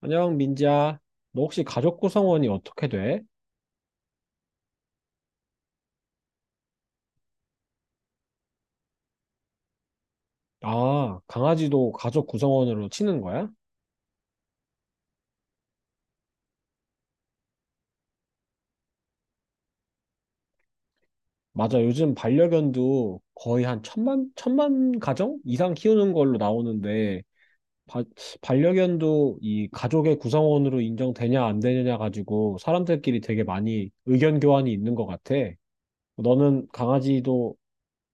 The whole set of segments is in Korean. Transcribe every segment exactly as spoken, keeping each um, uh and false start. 안녕, 민지야. 너 혹시 가족 구성원이 어떻게 돼? 아, 강아지도 가족 구성원으로 치는 거야? 맞아, 요즘 반려견도 거의 한 천만, 천만 가정 이상 키우는 걸로 나오는데, 바- 반려견도 이 가족의 구성원으로 인정되냐 안 되느냐 가지고 사람들끼리 되게 많이 의견 교환이 있는 것 같아. 너는 강아지도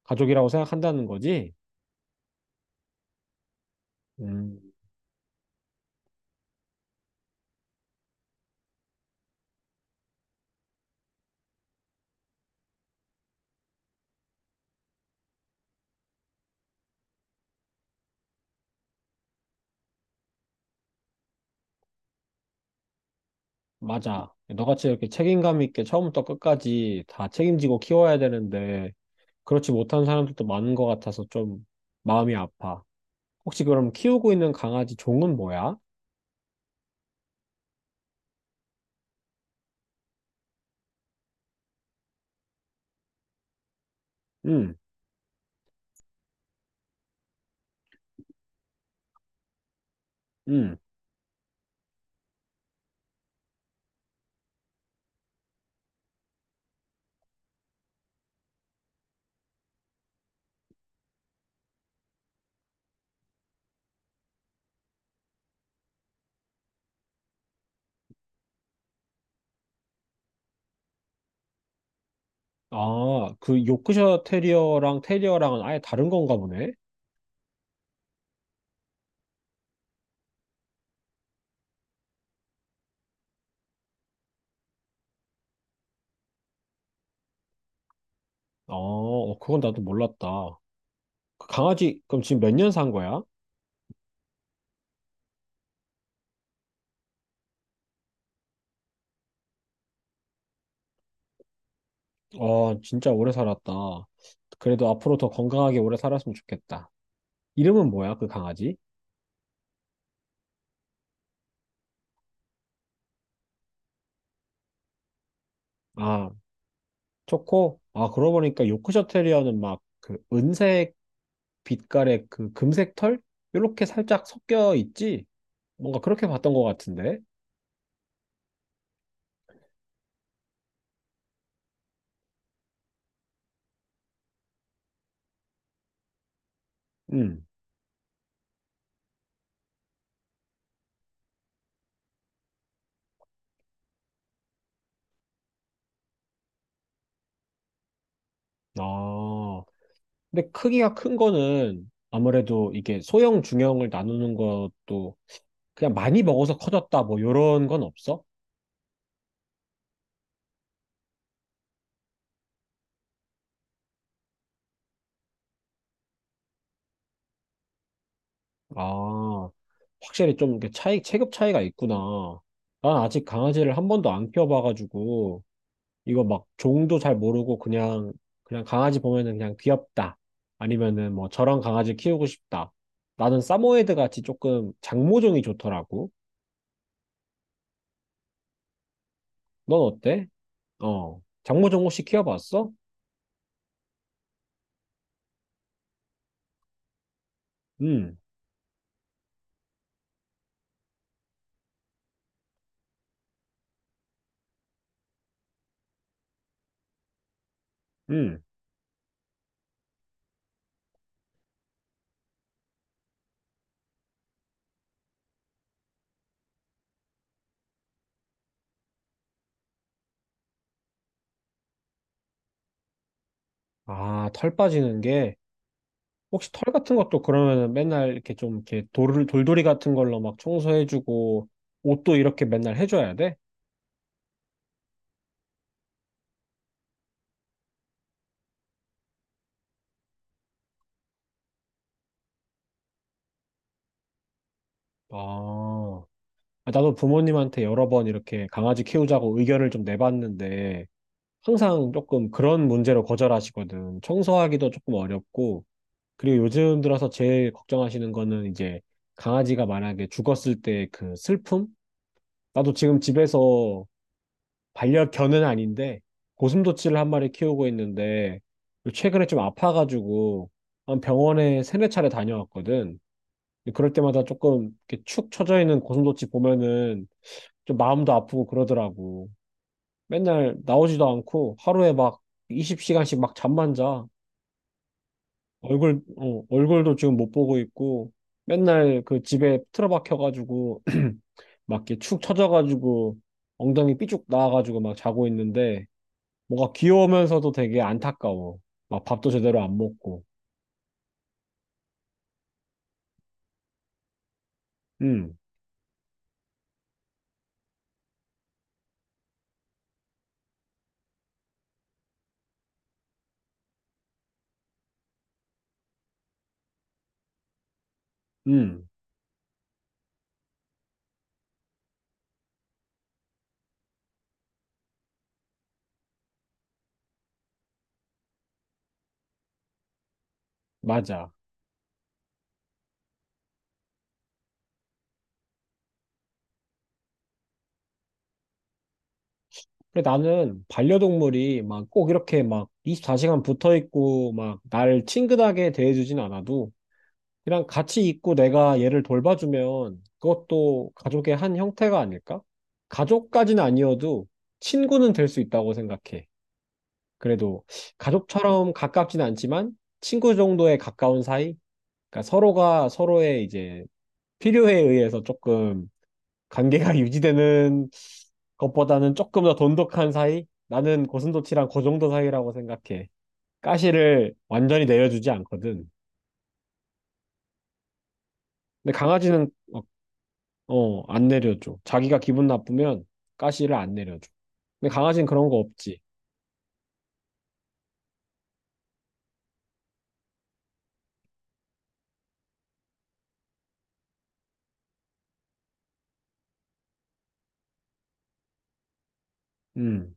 가족이라고 생각한다는 거지? 음, 맞아. 너같이 이렇게 책임감 있게 처음부터 끝까지 다 책임지고 키워야 되는데, 그렇지 못한 사람들도 많은 것 같아서 좀 마음이 아파. 혹시 그럼 키우고 있는 강아지 종은 뭐야? 응. 응. 아, 그 요크셔 테리어랑 테리어랑은 아예 다른 건가 보네? 아 어, 그건 나도 몰랐다. 그 강아지, 그럼 지금 몇 년 산 거야? 어, 진짜 오래 살았다. 그래도 앞으로 더 건강하게 오래 살았으면 좋겠다. 이름은 뭐야, 그 강아지? 아, 초코? 아, 그러고 보니까 요크셔 테리어는 막 그 은색 빛깔의 그 금색 털? 요렇게 살짝 섞여 있지? 뭔가 그렇게 봤던 것 같은데. 음. 아. 근데 크기가 큰 거는 아무래도 이게 소형, 중형을 나누는 것도 그냥 많이 먹어서 커졌다 뭐 요런 건 없어? 아. 확실히 좀 이렇게 차이, 체급 차이가 있구나. 난 아직 강아지를 한 번도 안 키워봐가지고 이거 막 종도 잘 모르고 그냥 그냥 강아지 보면은 그냥 귀엽다. 아니면은 뭐 저런 강아지 키우고 싶다. 나는 사모예드 같이 조금 장모종이 좋더라고. 넌 어때? 어. 장모종 혹시 키워봤어? 음. 음. 아, 털 빠지는 게 혹시 털 같은 것도 그러면은 맨날 이렇게 좀 이렇게 돌 돌돌이 같은 걸로 막 청소해주고 옷도 이렇게 맨날 해줘야 돼? 아, 아, 나도 부모님한테 여러 번 이렇게 강아지 키우자고 의견을 좀 내봤는데 항상 조금 그런 문제로 거절하시거든. 청소하기도 조금 어렵고, 그리고 요즘 들어서 제일 걱정하시는 거는 이제 강아지가 만약에 죽었을 때 그 슬픔? 나도 지금 집에서 반려견은 아닌데, 고슴도치를 한 마리 키우고 있는데, 최근에 좀 아파가지고 한 병원에 세네 차례 다녀왔거든. 근데 그럴 때마다 조금 이렇게 축 처져 있는 고슴도치 보면은 좀 마음도 아프고 그러더라고. 맨날 나오지도 않고 하루에 막 이십 시간씩 막 잠만 자. 얼굴, 어, 얼굴도 지금 못 보고 있고 맨날 그 집에 틀어박혀가지고 막 이렇게 축 처져가지고 엉덩이 삐쭉 나와가지고 막 자고 있는데 뭔가 귀여우면서도 되게 안타까워. 막 밥도 제대로 안 먹고. 음, 음, 맞아. 근데 나는 반려동물이 막 꼭 이렇게 막 이십사 시간 붙어 있고 막 날 친근하게 대해주진 않아도 이랑 같이 있고 내가 얘를 돌봐주면 그것도 가족의 한 형태가 아닐까? 가족까지는 아니어도 친구는 될 수 있다고 생각해. 그래도 가족처럼 가깝진 않지만 친구 정도에 가까운 사이? 그러니까 서로가 서로의 이제 필요에 의해서 조금 관계가 유지되는 것보다는 조금 더 돈독한 사이? 나는 고슴도치랑 그 정도 사이라고 생각해. 가시를 완전히 내려주지 않거든. 근데 강아지는 어, 안 내려줘. 자기가 기분 나쁘면 가시를 안 내려줘. 근데 강아지는 그런 거 없지. 음.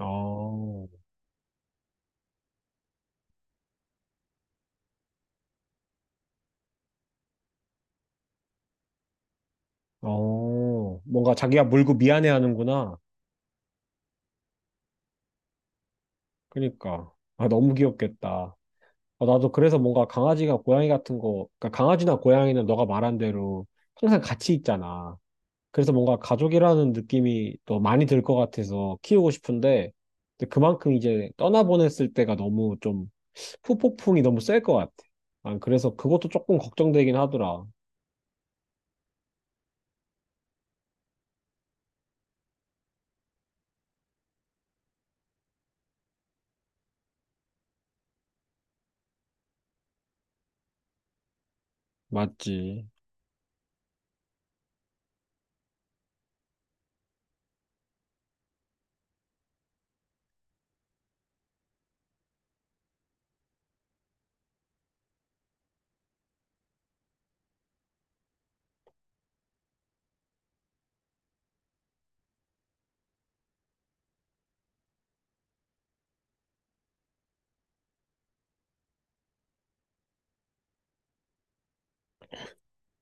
어, 어, 뭔가 자기가 물고 미안해하는구나. 그러니까. 아, 너무 귀엽겠다. 아, 나도 그래서 뭔가 강아지가 고양이 같은 거, 그러니까 강아지나 고양이는 너가 말한 대로 항상 같이 있잖아. 그래서 뭔가 가족이라는 느낌이 더 많이 들 것 같아서 키우고 싶은데, 근데 그만큼 이제 떠나보냈을 때가 너무 좀 후폭풍이 너무 셀 것 같아. 아, 그래서 그것도 조금 걱정되긴 하더라. 맞지.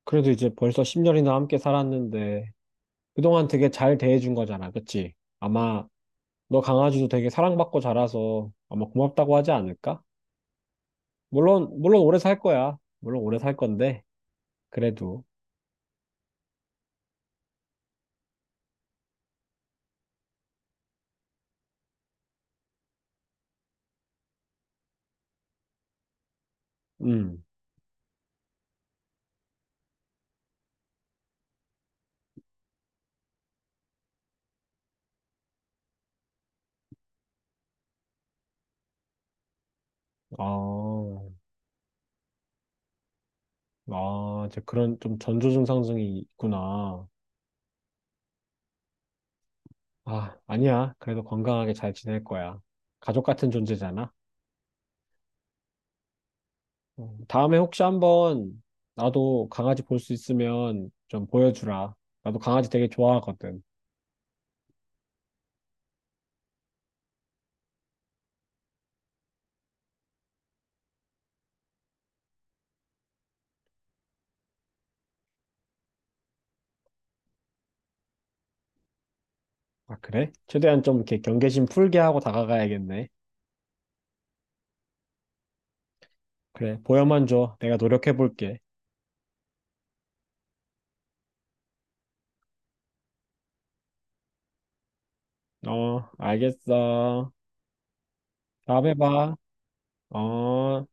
그래도 이제 벌써 십 년이나 함께 살았는데, 그동안 되게 잘 대해준 거잖아. 그치? 아마 너 강아지도 되게 사랑받고 자라서 아마 고맙다고 하지 않을까? 물론, 물론 오래 살 거야. 물론 오래 살 건데, 그래도. 음. 아, 아, 이제 그런 좀 전조 증상증이 있구나. 아, 아니야. 그래도 건강하게 잘 지낼 거야. 가족 같은 존재잖아. 어, 다음에 혹시 한번 나도 강아지 볼 수 있으면 좀 보여주라. 나도 강아지 되게 좋아하거든. 아, 그래? 최대한 좀 이렇게 경계심 풀게 하고 다가가야겠네. 그래, 보여만 줘. 내가 노력해 볼게. 어, 알겠어. 다음에 봐. 어.